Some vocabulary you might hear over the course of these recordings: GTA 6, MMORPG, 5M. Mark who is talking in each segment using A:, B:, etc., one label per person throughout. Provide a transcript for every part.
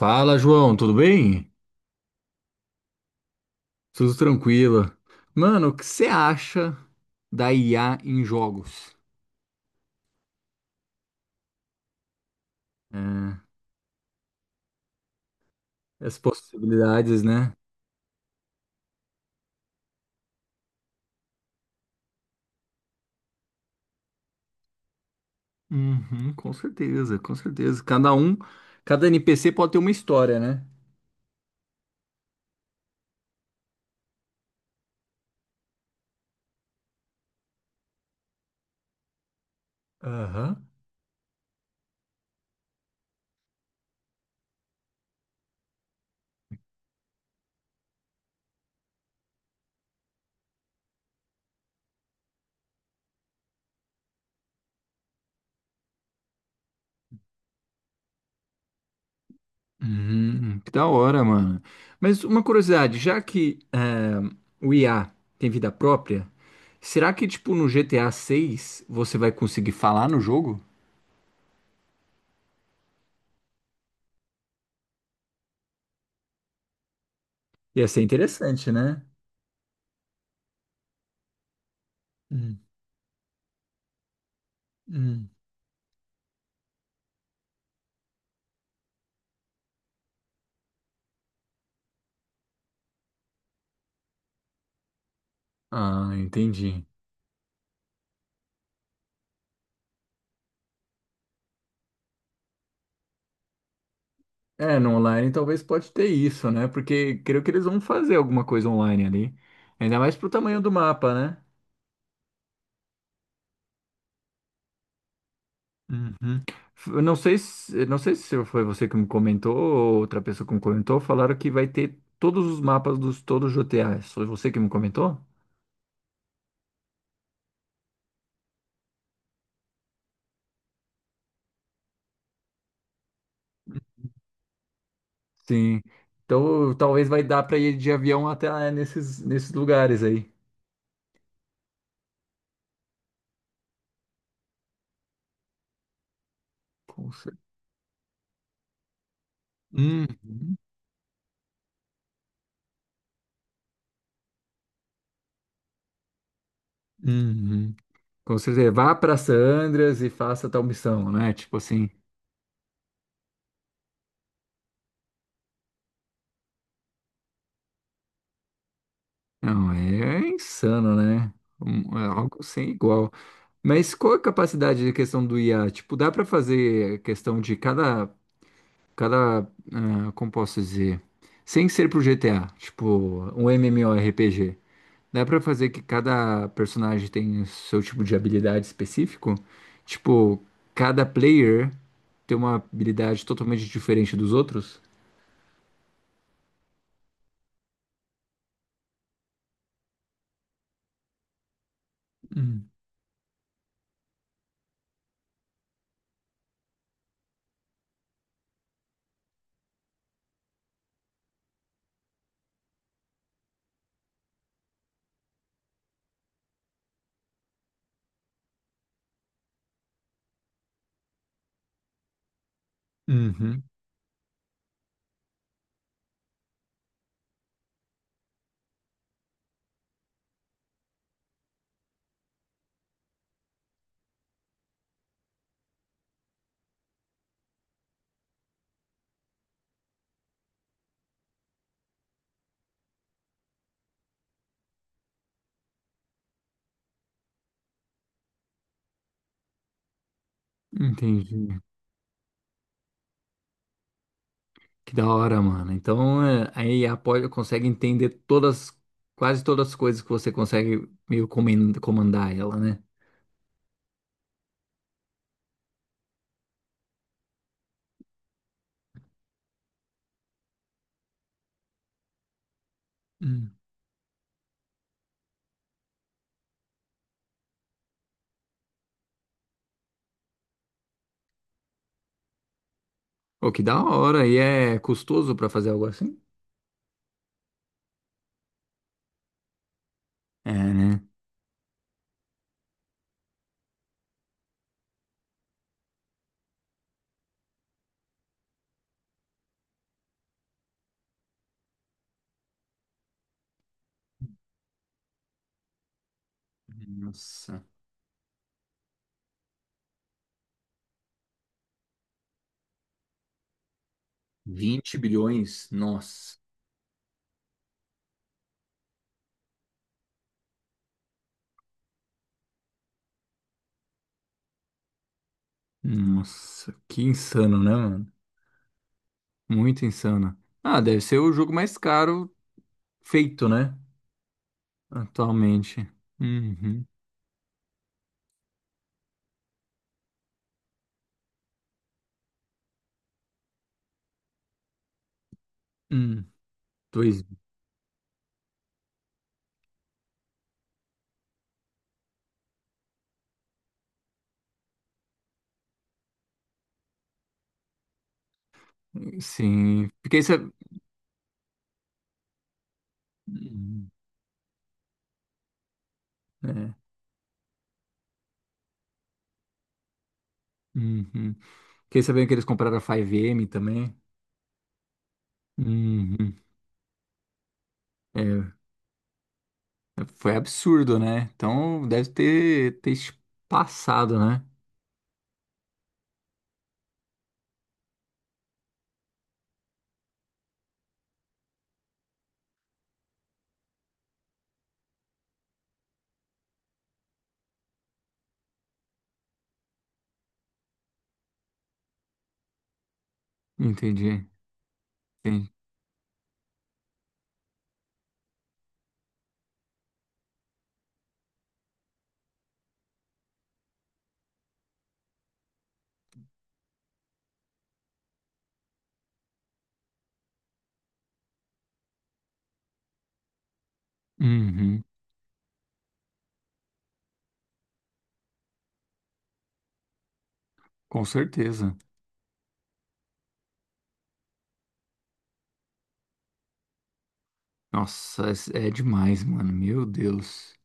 A: Fala, João, tudo bem? Tudo tranquilo. Mano, o que você acha da IA em jogos? É, as possibilidades, né? Uhum, com certeza, com certeza. Cada um, cada NPC pode ter uma história, né? Aham. Uhum, que da hora, mano. Mas uma curiosidade, já que é, o IA tem vida própria, será que, tipo, no GTA 6 você vai conseguir falar no jogo? Ia ser interessante, né? Hum, hum. Ah, entendi. É, no online talvez pode ter isso, né? Porque creio que eles vão fazer alguma coisa online ali. Ainda mais pro tamanho do mapa, né? Uhum. Eu não sei se, não sei se foi você que me comentou ou outra pessoa que me comentou, falaram que vai ter todos os mapas dos todos os GTAs. Foi você que me comentou? Sim. Então talvez vai dar para ir de avião até lá é, nesses, nesses lugares aí. Com cer- Uhum. Uhum. Com certeza. Vá para Sandras e faça tal missão, né? Tipo assim. Não, é insano, né? É algo sem igual. Mas qual é a capacidade de questão do IA? Tipo, dá pra fazer questão de cada, cada, ah, como posso dizer, sem ser pro GTA, tipo, um MMORPG. Dá pra fazer que cada personagem tem o seu tipo de habilidade específico? Tipo, cada player tem uma habilidade totalmente diferente dos outros? Hum. Uhum, entendi. Que da hora, mano. Então, é, a IA pode, consegue entender todas, quase todas as coisas que você consegue meio comandar ela, né? Hum. Pô, que da hora. E é custoso pra fazer algo assim? É, né? Nossa. 20 bilhões? Nossa. Nossa, que insano, né, mano? Muito insano. Ah, deve ser o jogo mais caro feito, né? Atualmente. Uhum. Hum. Dois. Sim. Fiquei sabendo. Uhum. Fiquei sabendo que eles compraram a 5M também. Uhum. É, foi absurdo, né? Então deve ter, ter passado, né? Entendi. Entendi. Uhum. Com certeza. Nossa, é é demais, mano. Meu Deus.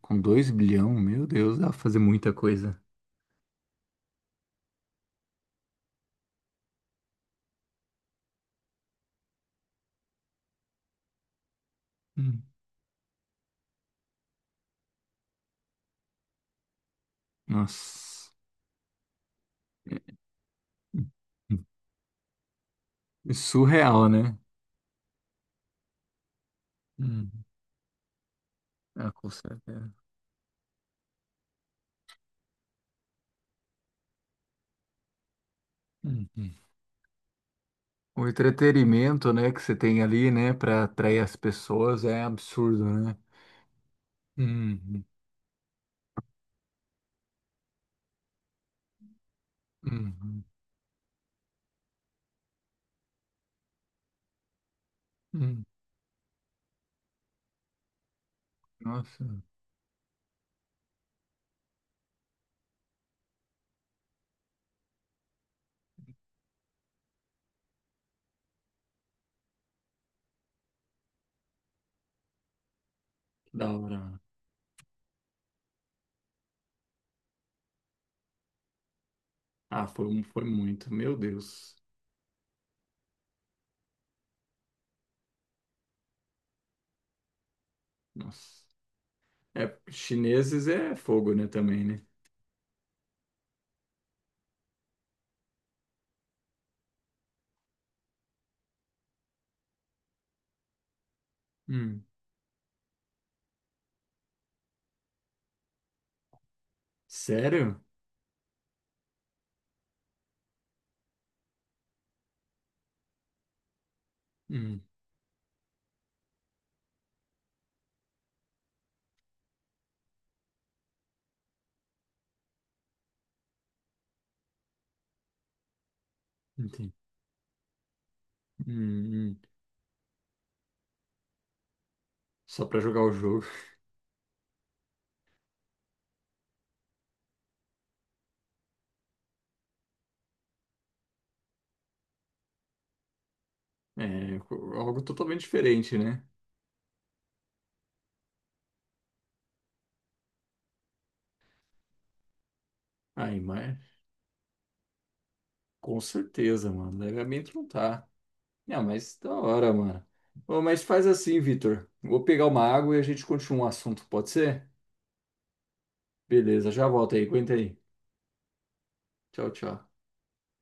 A: Com 2 bilhão, meu Deus, dá pra fazer muita coisa. Hum. Nossa. É é é surreal, né? Uhum. Ah, com certeza. Uhum. O entretenimento, né, que você tem ali, né, para atrair as pessoas é absurdo, né? Uhum, uhum, uhum. Nossa, que da hora, mano. Ah, foi, foi muito, meu Deus. Nossa. É, chineses é fogo, né, também, né? Hum. Sério? Hum, entendi. Hum, hum. Só pra jogar o jogo. Algo totalmente diferente, né? Ai, mas com certeza, mano. Levemente não tá. Não, mas da hora, mano. Ô, mas faz assim, Vitor. Vou pegar uma água e a gente continua o assunto, pode ser? Beleza, já volto aí. Aguenta aí. Tchau, tchau.